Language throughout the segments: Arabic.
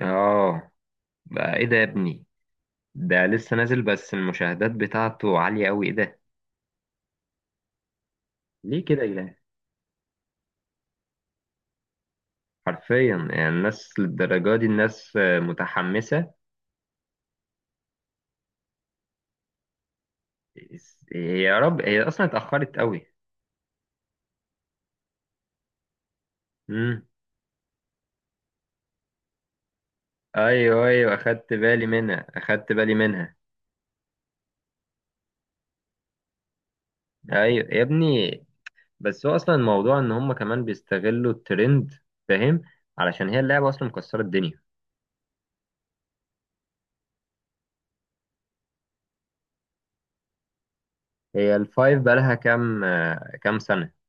اه. بقى ايه ده يا ابني؟ ده لسه نازل، بس المشاهدات بتاعته عالية قوي. ايه ده؟ ليه كده يا جدعان؟ حرفيا، يعني الناس للدرجة دي الناس متحمسة. هي يا رب، هي اصلا اتأخرت قوي. امم ايوه، ايوه، اخدت بالي منها، اخدت بالي منها. ايوه يا ابني. بس هو اصلا الموضوع ان هم كمان بيستغلوا الترند، فاهم؟ علشان هي اللعبة اصلا مكسرة الدنيا. هي الفايف بقالها كام سنة؟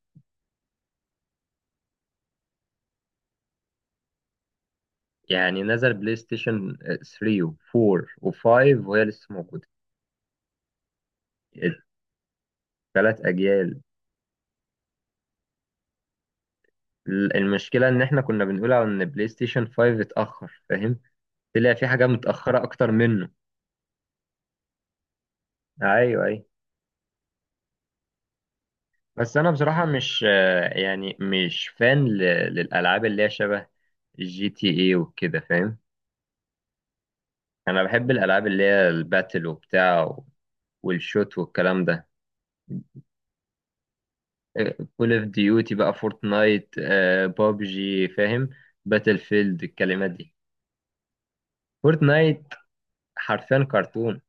يعني نزل بلاي ستيشن 3 و4 و5، وهي لسه موجودة. الثلاث أجيال. المشكلة إن إحنا كنا بنقول على إن بلاي ستيشن 5 اتأخر، فاهم؟ طلع في حاجة متأخرة أكتر منه. أيوه، أيوه. بس أنا بصراحة مش آه، يعني مش فان للألعاب اللي هي شبه جي تي إيه وكده، فاهم؟ أنا بحب الألعاب اللي هي الباتل وبتاع، والشوت والكلام ده. كول اوف ديوتي بقى، فورتنايت، بابجي، فاهم؟ باتل فيلد، الكلمات دي. فورتنايت حرفيا كرتون.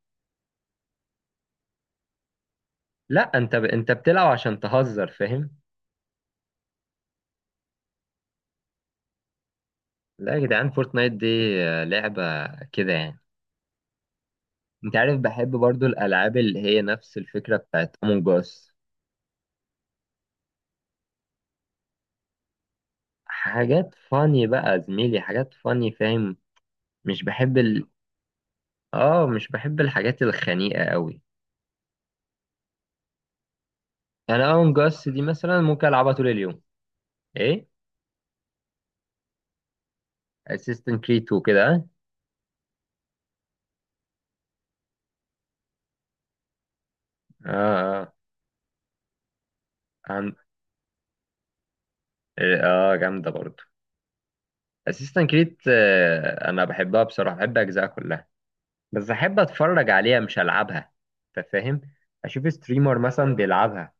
لا، انت انت بتلعب عشان تهزر، فاهم؟ لا يا جدعان، فورتنايت دي لعبة كده يعني. انت عارف، بحب برضو الالعاب اللي هي نفس الفكرة بتاعت امونج اس. حاجات فاني بقى يا زميلي، حاجات فاني، فاهم؟ مش بحب ال... اه، مش بحب الحاجات الخنيقة قوي. انا امونج اس دي مثلا ممكن العبها طول اليوم. ايه؟ اسيستنت كريد وكده. اه، اه. عن... اه، جامده برضو. اسيستنت كريد، انا بحبها بصراحه، بحب اجزاء كلها. بس احب اتفرج عليها مش العبها، انت فاهم؟ اشوف ستريمر مثلا بيلعبها.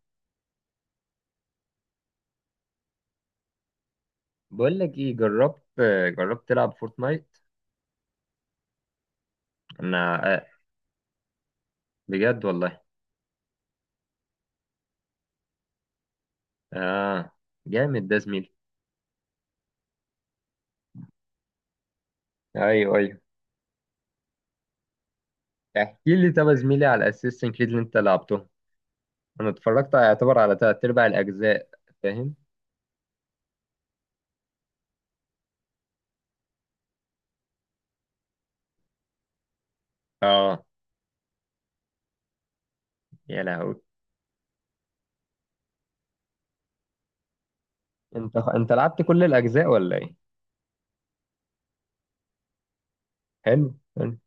بقول لك ايه، جربت تلعب فورتنايت؟ انا بجد والله. اه، جامد ده زميلي. ايوه، ايوه. احكي لي طب يا زميلي على اسيستنت كريد اللي انت لعبته. انا اتفرجت يعتبر على تلات ارباع الاجزاء، فاهم؟ اه، يا لهوي. انت لعبت كل الاجزاء ولا ايه؟ حلو، حلو.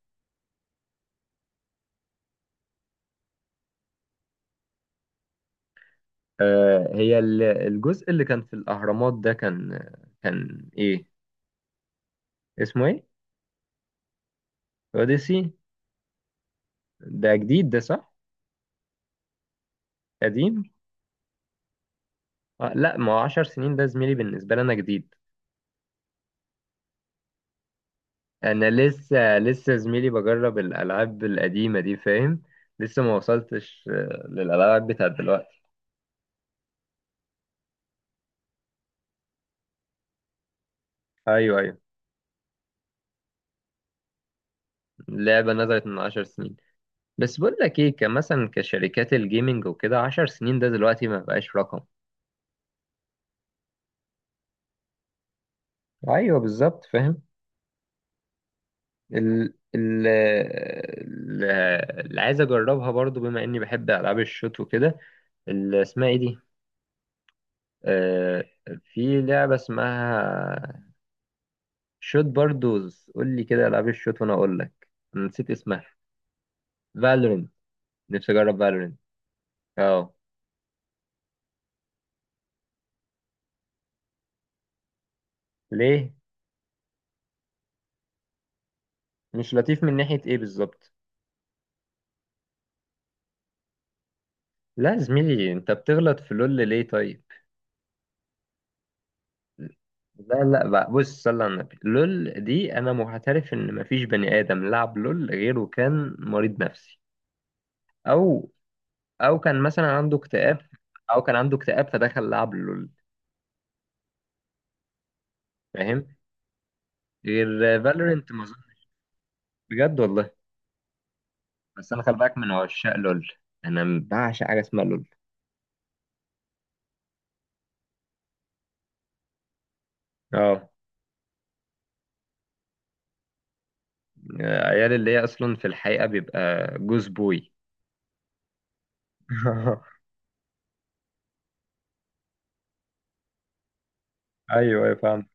آه، هي الجزء اللي كان في الأهرامات ده كان إيه؟ اسمه إيه؟ أوديسي. ده جديد ده، صح؟ قديم. آه، لا، ما هو عشر سنين ده زميلي، بالنسبة لي أنا جديد. أنا لسه، لسه زميلي بجرب الألعاب القديمة دي، فاهم؟ لسه ما وصلتش للألعاب بتاعت دلوقتي. أيوه، أيوه. اللعبة نزلت من عشر سنين. بس بقول لك إيه، كمثلا كشركات الجيمنج وكده، عشر سنين ده دلوقتي ما بقاش رقم. أيوه، بالظبط، فاهم؟ ال ال ال- اللي عايز اجربها برضو بما اني بحب العاب الشوت وكده، اللي اسمها ايه دي؟ آه. في لعبة اسمها، شوت باردوز قول لي كده العاب الشوت وانا اقول لك. أنا نسيت اسمها. فالورنت. نفسي اجرب فالورنت. اه. ليه؟ مش لطيف من ناحية ايه بالظبط؟ لا يا زميلي، انت بتغلط في لول، ليه طيب؟ لا، لا، بقى بص، صلى على النبي، لول دي انا معترف ان مفيش بني ادم لعب لول غيره كان مريض نفسي. او، او كان مثلا عنده اكتئاب، او كان عنده اكتئاب فدخل لعب لول. فاهم؟ غير فالورنت ما أظن- بجد والله. بس انا خلي بالك من عشاق لول، انا بعشق حاجه اسمها لول. اه. عيال اللي هي اصلا في الحقيقه بيبقى، جوز بوي. ايوه، ايوه، فهمت،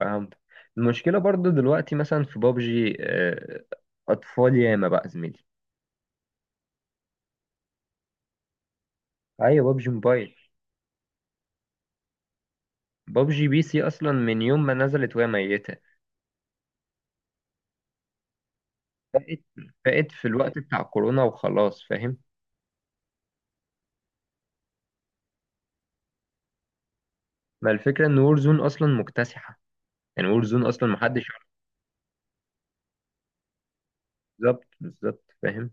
فهمت. المشكله برضو دلوقتي مثلا في بابجي، اطفال ياما بقى زميلي. ايوه، بابجي موبايل. بابجي بي سي اصلا من يوم ما نزلت وهي ميته. فقت فقت في الوقت بتاع كورونا وخلاص، فاهم؟ ما الفكرة ان وورزون اصلا مكتسحة. يعني وورزون اصلا محدش يعرف. بالظبط، بالظبط، فاهم؟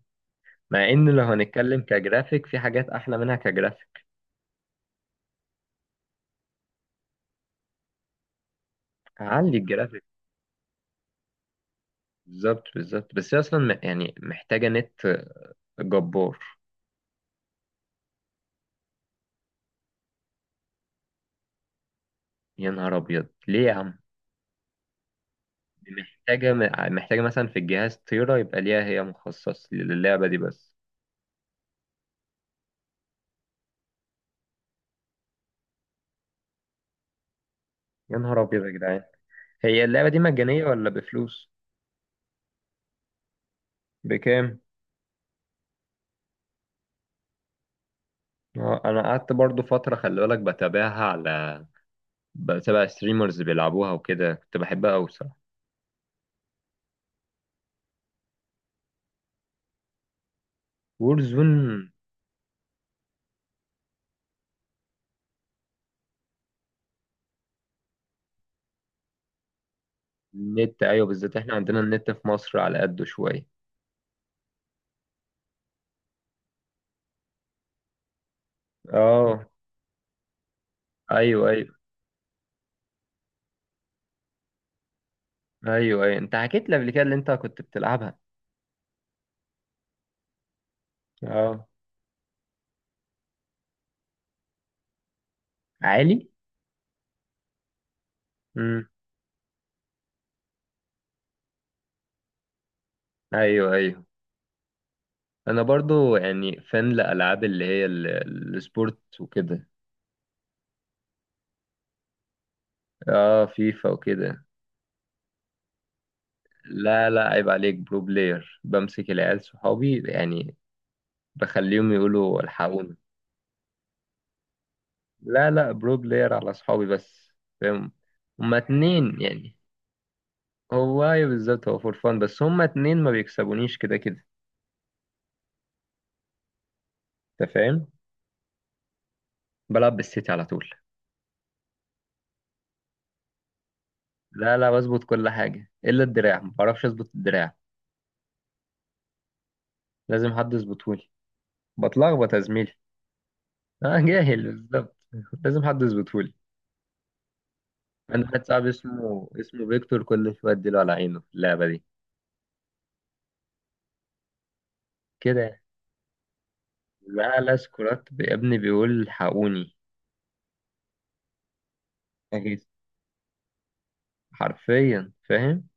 مع ان لو هنتكلم كجرافيك في حاجات احلى منها كجرافيك. هعلي الجرافيك. بالظبط، بالظبط، بس هي اصلا يعني محتاجة نت جبار. يا نهار ابيض، ليه يا عم؟ دي محتاجة محتاجة مثلا في الجهاز طيارة يبقى ليها هي مخصص للعبة دي بس. يا نهار ابيض يا جدعان. هي اللعبة دي مجانية ولا بفلوس؟ بكام؟ انا قعدت برضو فترة، خلي بالك، بتابعها على، بتابع ستريمرز بيلعبوها وكده، كنت بحبها قوي بصراحة. وورزون. النت، ايوه، بالذات احنا عندنا النت في مصر على قده شوية. اه. ايوه، ايوه. ايوه، ايوه، انت حكيت لي قبل كده اللي انت كنت بتلعبها. اه. عالي. امم. ايوه، ايوه. انا برضو يعني فان لالعاب اللي هي السبورت وكده. اه، فيفا وكده. لا، لا، عيب عليك، برو بلاير بمسك العيال صحابي يعني، بخليهم يقولوا الحقوني. لا، لا، برو بلاير على اصحابي بس، فاهم؟ هما اتنين يعني. هو ايوه، بالظبط، هو فور فان، بس هما اتنين ما بيكسبونيش كده كده، انت فاهم. بلعب بالسيتي على طول. لا، لا، بظبط كل حاجه الا الدراع، ما بعرفش اظبط الدراع. لازم حد يظبطهولي، بتلخبط يا زميلي. اه، جاهل، بالظبط. لازم حد يظبطهولي. عندي واحد صاحبي اسمه فيكتور، كل شويه اديله على عينه في اللعبه دي. كده يعني. لا، لا، سكرات يا ابني، بيقول الحقوني. حرفيا، فاهم؟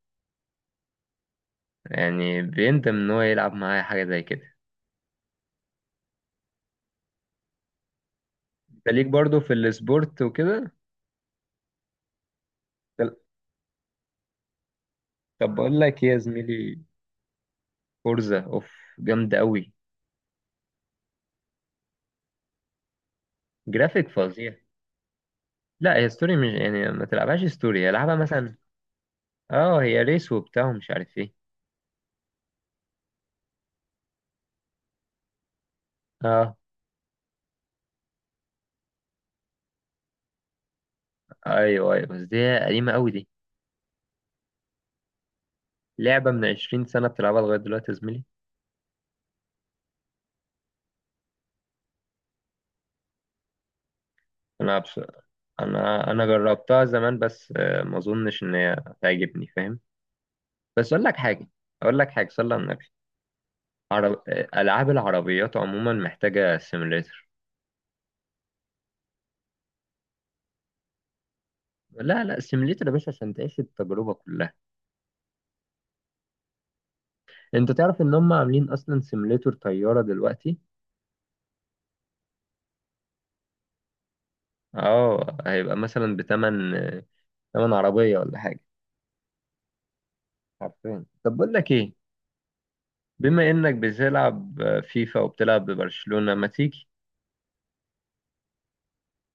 يعني بيندم ان هو يلعب معايا حاجه زي كده. انت ليك برضو في السبورت وكده؟ طب، طب بقول لك ايه يا زميلي، فورزا اوف جامده قوي. جرافيك فظيع. لا، هي ستوري مش يعني ما تلعبهاش ستوري، العبها مثلا. اه، هي ريس وبتاع ومش عارف ايه. اه. ايوه، ايوه، بس دي قديمه قوي دي. لعبه من 20 سنه بتلعبها لغايه دلوقتي يا زميلي؟ انا بص... انا جربتها زمان، بس ما اظنش ان هي تعجبني، فاهم؟ بس اقول لك حاجه، اقول لك حاجه، صلى على النبي. عرب... ألعاب العربيات عموما محتاجة سيميليتر. لا، لا، سيميليتر يا باشا عشان تعيش التجربة كلها. انت تعرف ان هم عاملين اصلا سيميليتر طيارة دلوقتي. اه، هيبقى مثلا بتمن، تمن عربية ولا حاجة. عارفين، طب بقول لك ايه، بما انك بتلعب فيفا وبتلعب ببرشلونة، ما تيجي